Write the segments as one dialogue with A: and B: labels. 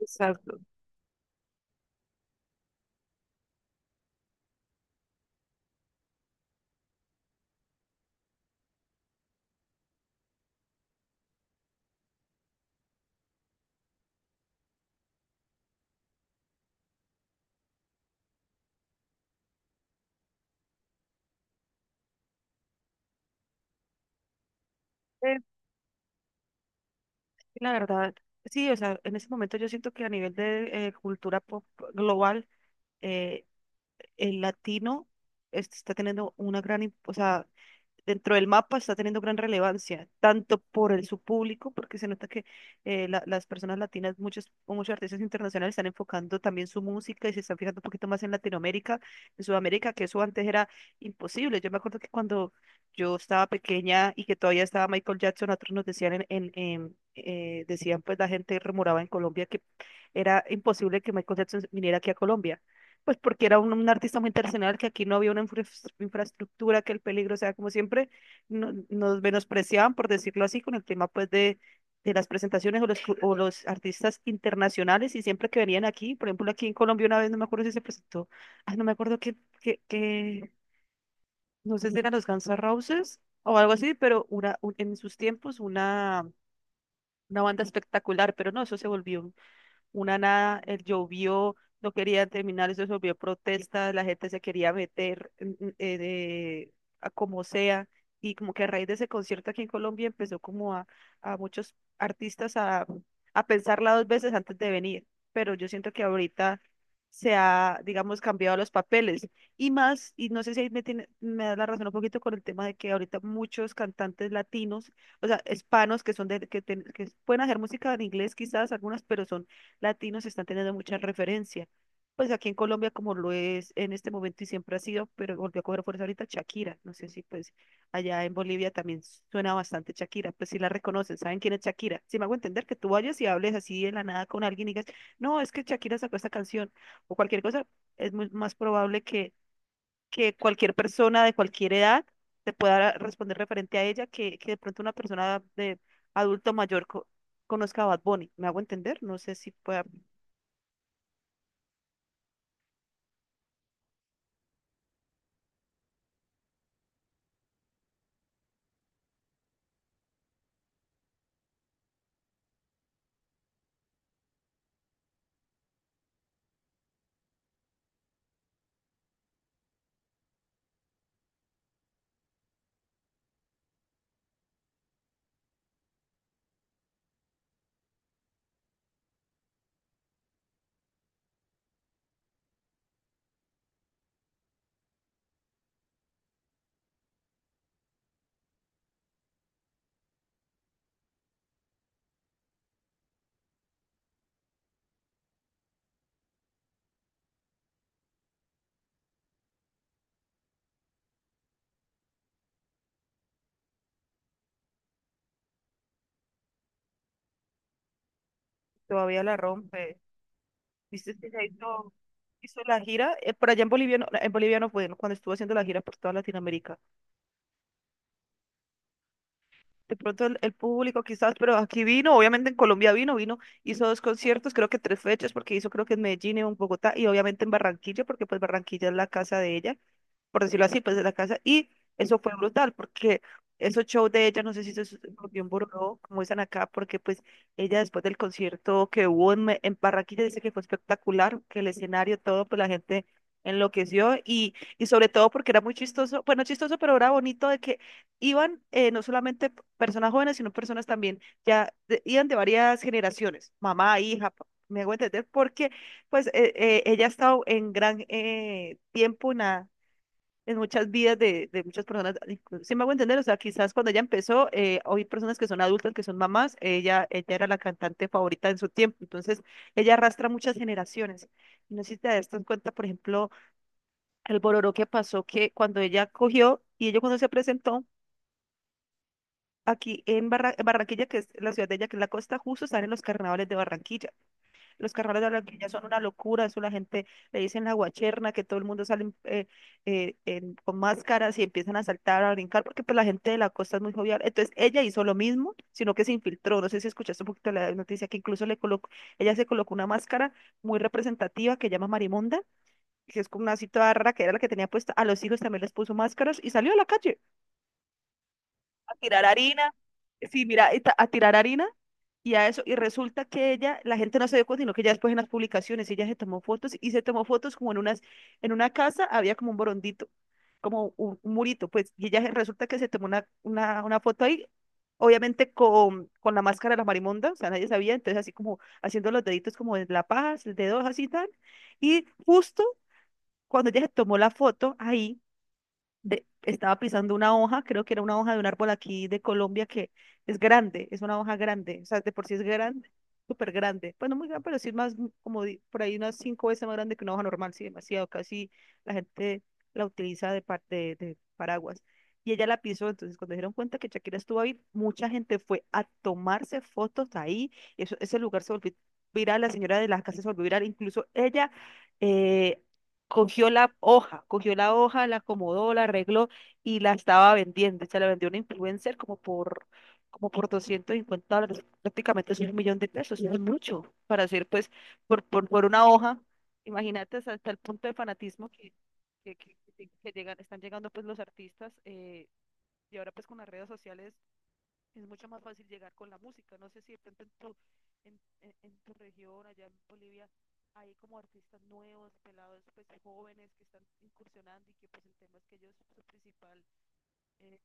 A: Exacto. Eh, la verdad, sí, o sea, en ese momento yo siento que a nivel de cultura pop global, eh, el latino está teniendo una gran, o sea, dentro del mapa está teniendo gran relevancia, tanto por el, su público, porque se nota que las personas latinas, muchos artistas internacionales están enfocando también su música y se están fijando un poquito más en Latinoamérica, en Sudamérica, que eso antes era imposible. Yo me acuerdo que cuando yo estaba pequeña y que todavía estaba Michael Jackson, otros nos decían decían pues la gente rumoraba en Colombia que era imposible que Michael Jackson viniera aquí a Colombia pues porque era un artista muy internacional, que aquí no había una infraestructura, que el peligro, o sea, como siempre, nos menospreciaban, por decirlo así, con el tema pues de las presentaciones o los artistas internacionales, y siempre que venían aquí, por ejemplo, aquí en Colombia una vez, no me acuerdo si se presentó, ay, no me acuerdo qué no sé si eran los Guns N' Roses o algo así, pero en sus tiempos una banda espectacular, pero no, eso se volvió una nada, el llovió, no quería terminar, eso se volvió protesta, la gente se quería meter a como sea, y como que a raíz de ese concierto aquí en Colombia empezó como a muchos artistas a pensarla dos veces antes de venir, pero yo siento que ahorita se ha, digamos, cambiado los papeles. Y más, y no sé si ahí me da la razón un poquito con el tema de que ahorita muchos cantantes latinos, o sea, hispanos que son de, que pueden hacer música en inglés quizás algunas, pero son latinos están teniendo mucha referencia. Pues aquí en Colombia, como lo es en este momento y siempre ha sido, pero volvió a coger fuerza ahorita Shakira. No sé si pues allá en Bolivia también suena bastante Shakira, pues sí la reconocen, saben quién es Shakira. Si me hago entender que tú vayas y hables así de la nada con alguien y digas, no, es que Shakira sacó esta canción o cualquier cosa, es muy más probable que cualquier persona de cualquier edad te pueda responder referente a ella que de pronto una persona de adulto mayor conozca a Bad Bunny. ¿Me hago entender? No sé si pueda. Todavía la rompe. Viste que ya hizo la gira, por allá en Bolivia no fue, ¿no? Cuando estuvo haciendo la gira por toda Latinoamérica. De pronto el público quizás, pero aquí vino, obviamente en Colombia vino, hizo dos conciertos, creo que tres fechas, porque hizo creo que en Medellín, en Bogotá y obviamente en Barranquilla, porque pues Barranquilla es la casa de ella, por decirlo así, pues de la casa. Y eso fue brutal, porque esos shows de ella, no sé si eso se volvió un borró, como dicen acá, porque pues ella después del concierto que hubo en, en Barranquilla dice que fue espectacular, que el escenario, todo, pues la gente enloqueció y sobre todo porque era muy chistoso, bueno, chistoso, pero era bonito de que iban no solamente personas jóvenes, sino personas también, ya iban de varias generaciones, mamá, hija, me hago entender, porque pues ella ha estado en gran tiempo en muchas vidas de muchas personas. Si me hago entender, o sea, quizás cuando ella empezó, hoy personas que son adultas, que son mamás, ella era la cantante favorita en su tiempo, entonces ella arrastra muchas generaciones. No sé si te das cuenta, por ejemplo, el bororó que pasó, que cuando ella cogió y ella cuando se presentó aquí en Barranquilla, que es la ciudad de ella, que es la costa, justo están en los carnavales de Barranquilla. Los carnavales de Barranquilla son una locura, eso la gente le dicen la guacherna, que todo el mundo sale con máscaras y empiezan a saltar, a brincar, porque pues la gente de la costa es muy jovial. Entonces ella hizo lo mismo, sino que se infiltró. No sé si escuchaste un poquito la noticia que incluso le colocó, ella se colocó una máscara muy representativa que llama Marimonda, que es como una así toda rara que era la que tenía puesta. A los hijos también les puso máscaras y salió a la calle a tirar harina. Sí, mira, y a tirar harina y a eso, y resulta que ella, la gente no se dio cuenta, sino que ya después en las publicaciones ella se tomó fotos y se tomó fotos como en unas, en una casa había como un borondito, como un murito, pues, y ella resulta que se tomó una foto ahí, obviamente con la máscara de la marimonda, o sea, nadie sabía, entonces así como haciendo los deditos como de la paja, el dedo así tal, y justo cuando ella se tomó la foto ahí, estaba pisando una hoja, creo que era una hoja de un árbol aquí de Colombia que es grande, es una hoja grande, o sea, de por sí es grande, súper grande. Bueno, muy grande, pero sí es más, como por ahí unas cinco veces más grande que una hoja normal, sí, demasiado, casi la gente la utiliza de, de paraguas. Y ella la pisó, entonces cuando se dieron cuenta que Shakira estuvo ahí, mucha gente fue a tomarse fotos ahí, eso, ese lugar se volvió viral, la señora de las casas se volvió viral, incluso ella eh, cogió la hoja, la acomodó, la arregló y la estaba vendiendo. Se la vendió a un influencer como por $250, prácticamente es un millón de pesos, no es mucho para hacer pues por una hoja. Imagínate es hasta el punto de fanatismo que llegan, están llegando pues los artistas y ahora pues con las redes sociales es mucho más fácil llegar con la música. No sé si de pronto en tu, en tu región, allá en Bolivia, hay como artistas nuevos, pelados, pues jóvenes que están incursionando y que pues el tema es que ellos, su principal. eh,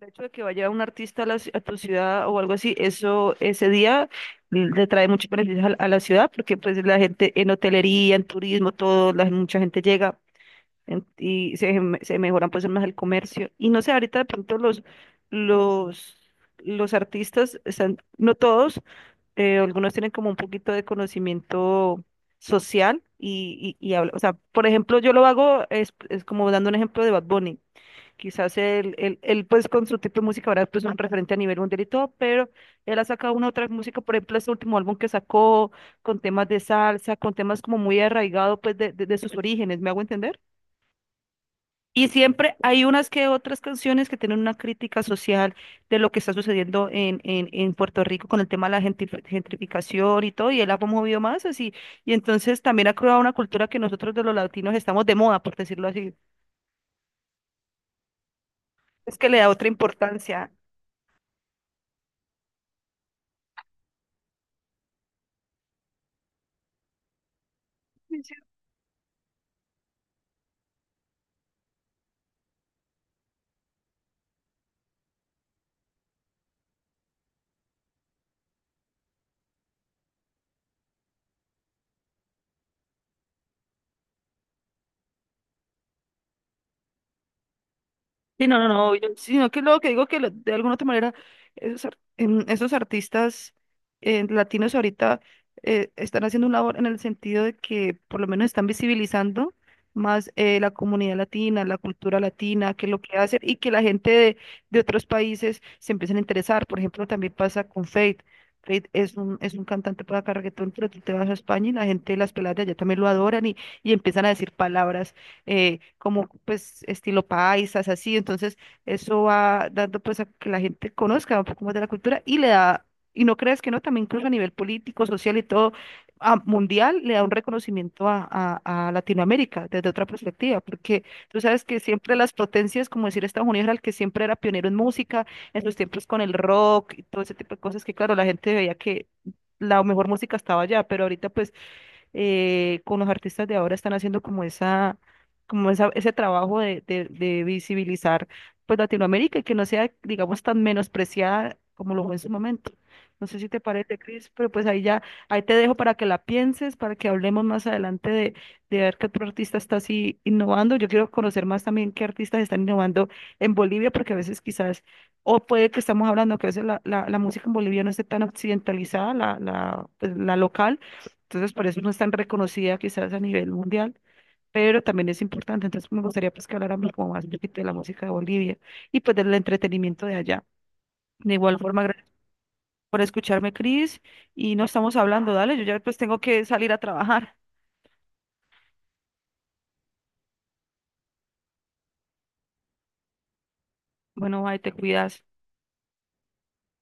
A: El hecho de que vaya un artista a, la a tu ciudad o algo así, eso ese día le trae muchos beneficios a la ciudad porque pues la gente en hotelería, en turismo, todo, la, mucha gente llega. Y se mejoran pues más el comercio. Y no sé, ahorita de pronto los, los artistas están, no todos, algunos tienen como un poquito de conocimiento social o sea, por ejemplo, yo lo hago, es, como dando un ejemplo de Bad Bunny. Quizás pues con su tipo de música ahora pues un referente a nivel mundial y todo, pero él ha sacado una otra música, por ejemplo, este último álbum que sacó con temas de salsa, con temas como muy arraigado pues de, de sus orígenes, ¿me hago entender? Y siempre hay unas que otras canciones que tienen una crítica social de lo que está sucediendo en Puerto Rico con el tema de la gentrificación y todo, y él ha promovido más así. Y entonces también ha creado una cultura que nosotros de los latinos estamos de moda, por decirlo así. Es que le da otra importancia. Sí, no, no, no, sí, no, que lo que digo de alguna otra manera esos artistas latinos ahorita están haciendo un labor en el sentido de que por lo menos están visibilizando más la comunidad latina, la cultura latina, que lo que hacen y que la gente de, otros países se empiecen a interesar. Por ejemplo, también pasa con Faith. Faith es un cantante para acá reggaetón, pero tú te vas a España y la gente, las peladas de allá también lo adoran y empiezan a decir palabras como pues estilo paisas, así. Entonces, eso va dando pues a que la gente conozca un poco más de la cultura y le da, y no creas que no, también incluso a nivel político, social y todo, mundial, le da un reconocimiento a Latinoamérica desde otra perspectiva, porque tú sabes que siempre las potencias, como decir Estados Unidos, era el que siempre era pionero en música, en sus tiempos con el rock y todo ese tipo de cosas que, claro, la gente veía que la mejor música estaba allá, pero ahorita pues con los artistas de ahora están haciendo ese trabajo de visibilizar pues Latinoamérica y que no sea, digamos, tan menospreciada como lo fue en su momento. No sé si te parece, Cris, pero pues ahí ya, ahí te dejo para que la pienses, para que hablemos más adelante de ver qué otro artista está así innovando. Yo quiero conocer más también qué artistas están innovando en Bolivia, porque a veces quizás, o puede que estamos hablando que a veces la música en Bolivia no esté tan occidentalizada, la local entonces, por eso no es tan reconocida quizás a nivel mundial, pero también es importante. Entonces, me gustaría pues que habláramos como más un poquito de la música de Bolivia y pues del entretenimiento de allá. De igual forma, gracias por escucharme, Cris, y no estamos hablando, dale, yo ya pues tengo que salir a trabajar. Bueno, ahí te cuidas.